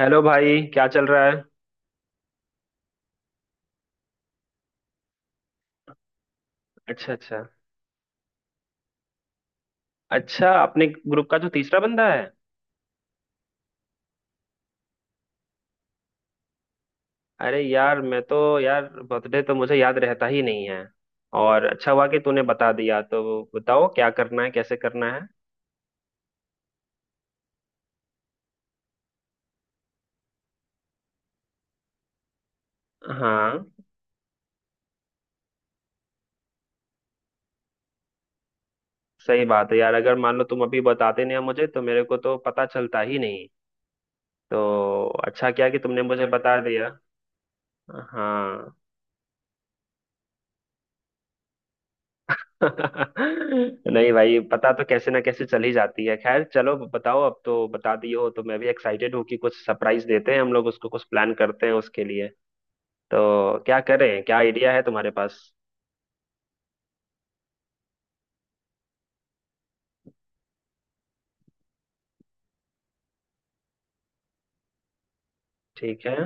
Hello भाई, क्या चल रहा है। अच्छा, अच्छा। अच्छा, अपने ग्रुप का जो तीसरा बंदा है। अरे यार, मैं तो यार बर्थडे तो मुझे याद रहता ही नहीं है। और अच्छा हुआ कि तूने बता दिया। तो बताओ क्या करना है, कैसे करना है। हाँ, सही बात है यार। अगर मान लो तुम अभी बताते नहीं हो मुझे, तो मेरे को तो पता चलता ही नहीं। तो अच्छा किया कि तुमने मुझे बता दिया। हाँ। नहीं भाई, पता तो कैसे ना कैसे चल ही जाती है। खैर चलो, बताओ। अब तो बता दिए हो तो मैं भी एक्साइटेड हूँ कि कुछ सरप्राइज देते हैं हम लोग उसको, कुछ प्लान करते हैं उसके लिए। तो क्या करें, क्या आइडिया है तुम्हारे पास। ठीक है।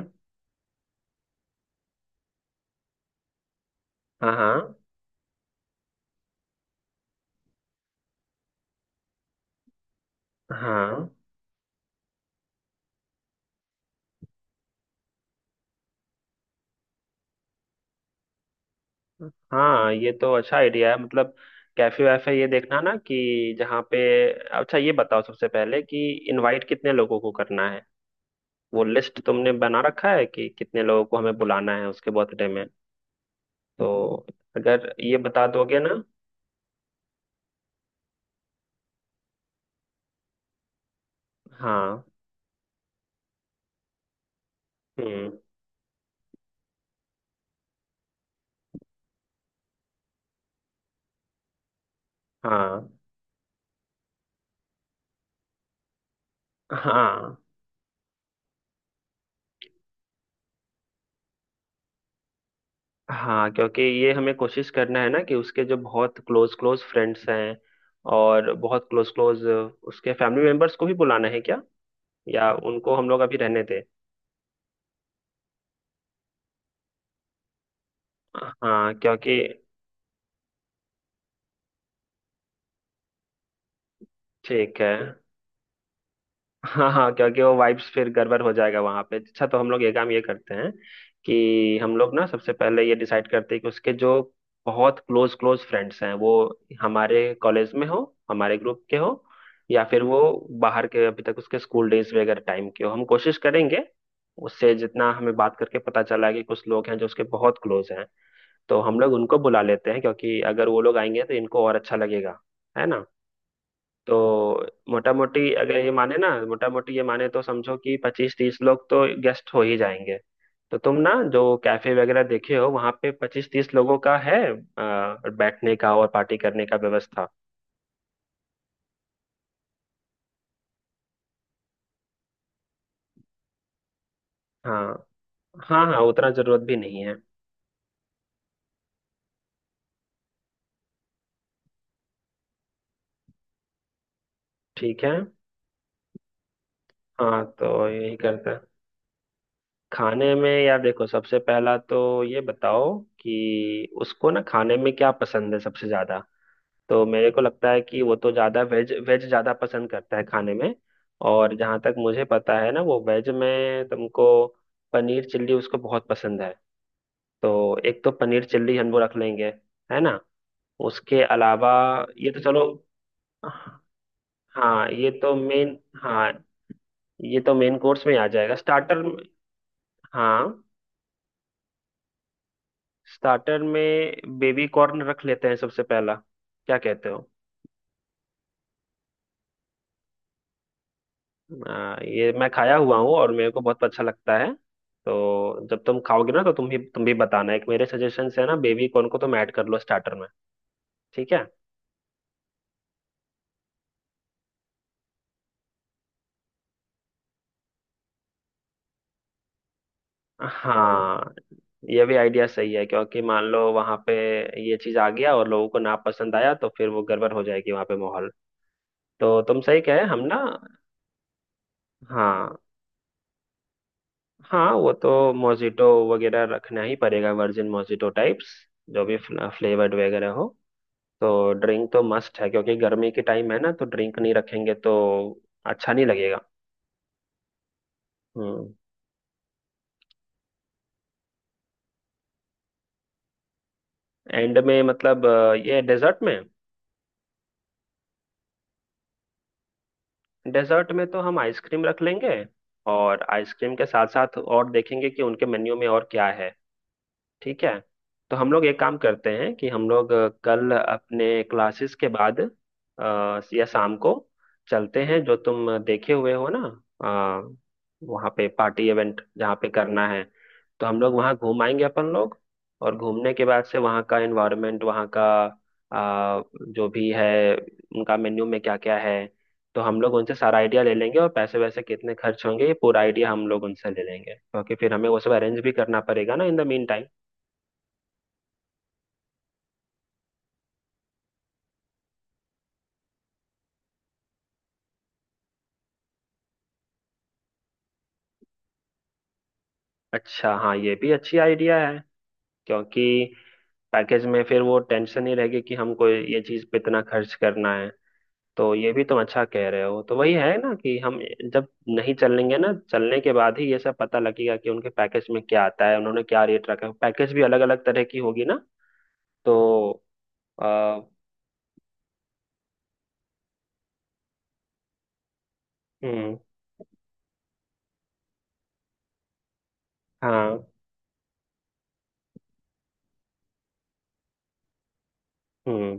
हाँ हाँ। हाँ हाँ, ये तो अच्छा आइडिया है। मतलब कैफे वैफे ये देखना ना कि जहाँ पे। अच्छा, ये बताओ सबसे पहले कि इनवाइट कितने लोगों को करना है। वो लिस्ट तुमने बना रखा है कि कितने लोगों को हमें बुलाना है उसके बर्थडे में। तो अगर ये बता दोगे ना। हाँ। हम्म। हाँ हाँ हाँ, क्योंकि ये हमें कोशिश करना है ना कि उसके जो बहुत क्लोज क्लोज फ्रेंड्स हैं। और बहुत क्लोज क्लोज उसके फैमिली मेंबर्स को भी बुलाना है क्या? या उनको हम लोग अभी रहने दें? हाँ, क्योंकि ठीक है। हाँ हाँ, क्योंकि वो वाइब्स फिर गड़बड़ हो जाएगा वहां पे। अच्छा, तो हम लोग ये काम ये करते हैं कि हम लोग ना सबसे पहले ये डिसाइड करते हैं कि उसके जो बहुत क्लोज क्लोज फ्रेंड्स हैं, वो हमारे कॉलेज में हो, हमारे ग्रुप के हो, या फिर वो बाहर के अभी तक उसके स्कूल डेज वगैरह टाइम के हो। हम कोशिश करेंगे। उससे जितना हमें बात करके पता चला है कि कुछ लोग हैं जो उसके बहुत क्लोज हैं, तो हम लोग उनको बुला लेते हैं, क्योंकि अगर वो लोग आएंगे तो इनको और अच्छा लगेगा। है, तो मोटा मोटी अगर ये माने ना, मोटा मोटी ये माने तो समझो कि 25-30 लोग तो गेस्ट हो ही जाएंगे। तो तुम ना जो कैफे वगैरह देखे हो, वहां पे 25-30 लोगों का है बैठने का और पार्टी करने का व्यवस्था? हाँ। हाँ हाँ, उतना जरूरत भी नहीं है। ठीक है। हाँ, तो यही करते हैं। खाने में यार देखो, सबसे पहला तो ये बताओ कि उसको ना खाने में क्या पसंद है सबसे ज्यादा। तो मेरे को लगता है कि वो तो ज़्यादा वेज वेज ज़्यादा पसंद करता है खाने में। और जहाँ तक मुझे पता है ना, वो वेज में तुमको पनीर चिल्ली उसको बहुत पसंद है। तो एक तो पनीर चिल्ली हम लोग रख लेंगे, है ना। उसके अलावा ये तो चलो। हाँ, ये तो मेन। हाँ, ये तो मेन कोर्स में आ जाएगा। स्टार्टर। हाँ, स्टार्टर में बेबी कॉर्न रख लेते हैं सबसे पहला, क्या कहते हो? ये मैं खाया हुआ हूँ और मेरे को बहुत अच्छा लगता है। तो जब तुम खाओगे ना तो तुम भी, बताना। एक मेरे सजेशन है ना, बेबी कॉर्न को तुम ऐड कर लो स्टार्टर में। ठीक है। हाँ, ये भी आइडिया सही है, क्योंकि मान लो वहां पे ये चीज आ गया और लोगों को ना पसंद आया, तो फिर वो गड़बड़ हो जाएगी वहां पे माहौल। तो तुम सही कहे हम ना। हाँ हाँ, वो तो मोजिटो वगैरह रखना ही पड़ेगा, वर्जिन मोजिटो टाइप्स, जो भी फ्लेवर्ड वगैरह हो। तो ड्रिंक तो मस्ट है, क्योंकि गर्मी के टाइम है ना, तो ड्रिंक नहीं रखेंगे तो अच्छा नहीं लगेगा। हम्म। एंड में मतलब ये डेजर्ट में। डेजर्ट में तो हम आइसक्रीम रख लेंगे। और आइसक्रीम के साथ साथ और देखेंगे कि उनके मेन्यू में और क्या है। ठीक है। तो हम लोग एक काम करते हैं कि हम लोग कल अपने क्लासेस के बाद, या शाम को, चलते हैं जो तुम देखे हुए हो ना, अ, वहाँ पे पार्टी इवेंट जहाँ पे करना है। तो हम लोग वहाँ घूम आएंगे अपन लोग। और घूमने के बाद से वहाँ का एनवायरनमेंट, वहाँ का अ, जो भी है उनका मेन्यू में क्या क्या है, तो हम लोग उनसे सारा आइडिया ले लेंगे, और पैसे वैसे कितने खर्च होंगे ये पूरा आइडिया हम लोग उनसे ले लेंगे, क्योंकि फिर हमें वो सब अरेंज भी करना पड़ेगा ना इन द मीन टाइम। अच्छा, हाँ, ये भी अच्छी आइडिया है, क्योंकि पैकेज में फिर वो टेंशन ही रहेगी कि हमको ये चीज पे इतना खर्च करना है। तो ये भी तुम अच्छा कह रहे हो। तो वही है ना कि हम जब नहीं चलेंगे ना, चलने के बाद ही ये सब पता लगेगा कि उनके पैकेज में क्या आता है, उन्होंने क्या रेट रखा है। पैकेज भी अलग अलग तरह की होगी ना। तो आ, हम्म। हाँ। हम्म।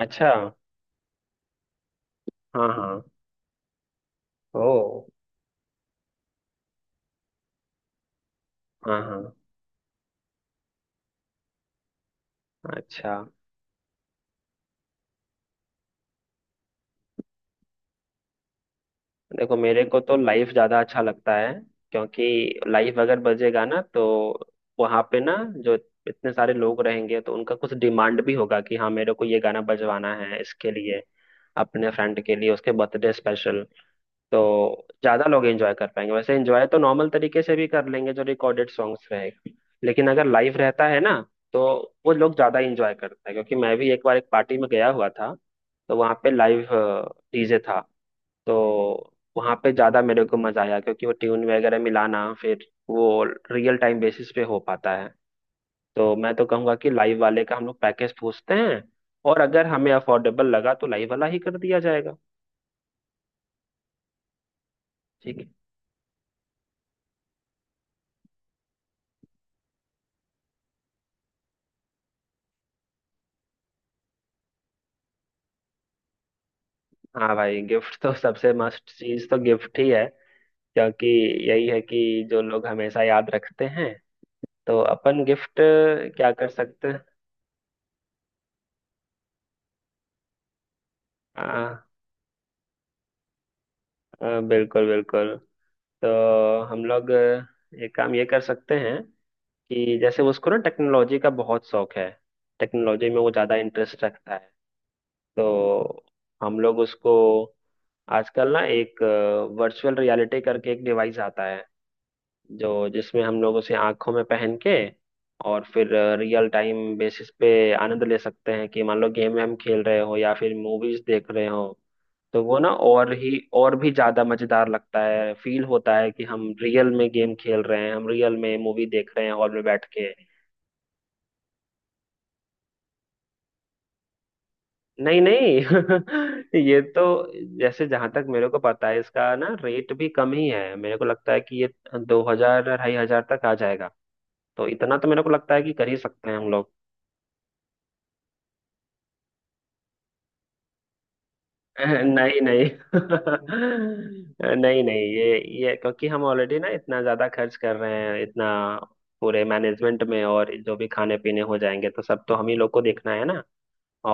अच्छा। हाँ हाँ। ओ। हाँ हाँ। अच्छा। देखो मेरे को तो लाइफ ज्यादा अच्छा लगता है, क्योंकि लाइफ अगर बजेगा ना तो वहां पे ना, जो इतने सारे लोग रहेंगे तो उनका कुछ डिमांड भी होगा कि हाँ मेरे को ये गाना बजवाना है, इसके लिए अपने फ्रेंड के लिए, उसके बर्थडे स्पेशल। तो ज्यादा लोग एंजॉय कर पाएंगे। वैसे एंजॉय तो नॉर्मल तरीके से भी कर लेंगे, जो रिकॉर्डेड सॉन्ग्स रहेगा, लेकिन अगर लाइव रहता है ना, तो वो लोग ज्यादा एंजॉय करते हैं। क्योंकि मैं भी एक बार एक पार्टी में गया हुआ था, तो वहां पे लाइव डीजे था, तो वहाँ पे ज़्यादा मेरे को मज़ा आया, क्योंकि वो ट्यून वगैरह मिलाना फिर वो रियल टाइम बेसिस पे हो पाता है। तो मैं तो कहूँगा कि लाइव वाले का हम लोग पैकेज पूछते हैं, और अगर हमें अफोर्डेबल लगा तो लाइव वाला ही कर दिया जाएगा। ठीक है। हाँ भाई, गिफ्ट तो सबसे मस्ट चीज़ तो गिफ्ट ही है, क्योंकि यही है कि जो लोग हमेशा याद रखते हैं, तो अपन गिफ्ट क्या कर सकते हैं। आ, बिल्कुल बिल्कुल। तो हम लोग एक काम ये कर सकते हैं कि जैसे उसको ना टेक्नोलॉजी का बहुत शौक है, टेक्नोलॉजी में वो ज्यादा इंटरेस्ट रखता है। तो हम लोग उसको, आजकल ना एक वर्चुअल रियलिटी करके एक डिवाइस आता है, जो जिसमें हम लोग उसे आंखों में पहन के, और फिर रियल टाइम बेसिस पे आनंद ले सकते हैं कि मान लो गेम हम खेल रहे हो या फिर मूवीज देख रहे हो, तो वो ना और भी ज्यादा मजेदार लगता है, फील होता है कि हम रियल में गेम खेल रहे हैं, हम रियल में मूवी देख रहे हैं हॉल में बैठ के। नहीं नहीं, ये तो जैसे जहां तक मेरे को पता है, इसका ना रेट भी कम ही है। मेरे को लगता है कि ये 2000-2500 तक आ जाएगा। तो इतना तो मेरे को लगता है कि कर ही सकते हैं हम लोग। नहीं नहीं, नहीं नहीं, ये क्योंकि हम ऑलरेडी ना इतना ज्यादा खर्च कर रहे हैं इतना, पूरे मैनेजमेंट में, और जो भी खाने पीने हो जाएंगे तो सब तो हम ही लोग को देखना है ना।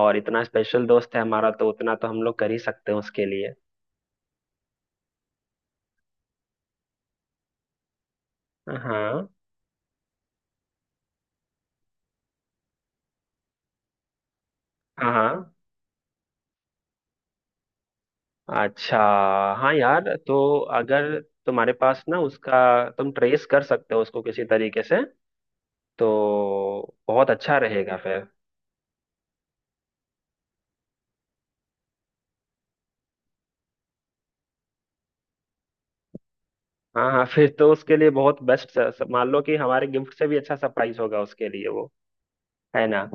और इतना स्पेशल दोस्त है हमारा, तो उतना तो हम लोग कर ही सकते हैं उसके लिए। हाँ हाँ हाँ। अच्छा, हाँ यार, तो अगर तुम्हारे पास ना उसका, तुम ट्रेस कर सकते हो उसको किसी तरीके से, तो बहुत अच्छा रहेगा फिर। हाँ हाँ, फिर तो उसके लिए बहुत बेस्ट। मान लो कि हमारे गिफ्ट से भी अच्छा सरप्राइज होगा उसके लिए वो, है ना।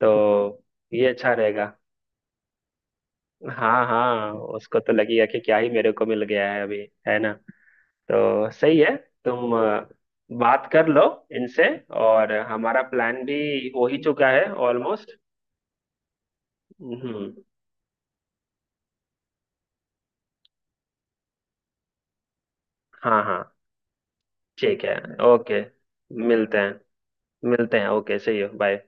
तो ये अच्छा रहेगा। हाँ हाँ, उसको तो लगेगा कि क्या ही मेरे को मिल गया है अभी, है ना। तो सही है। तुम बात कर लो इनसे, और हमारा प्लान भी हो ही चुका है ऑलमोस्ट। हम्म। हाँ हाँ। ठीक है। ओके। मिलते हैं। मिलते हैं। ओके, सही हो, बाय।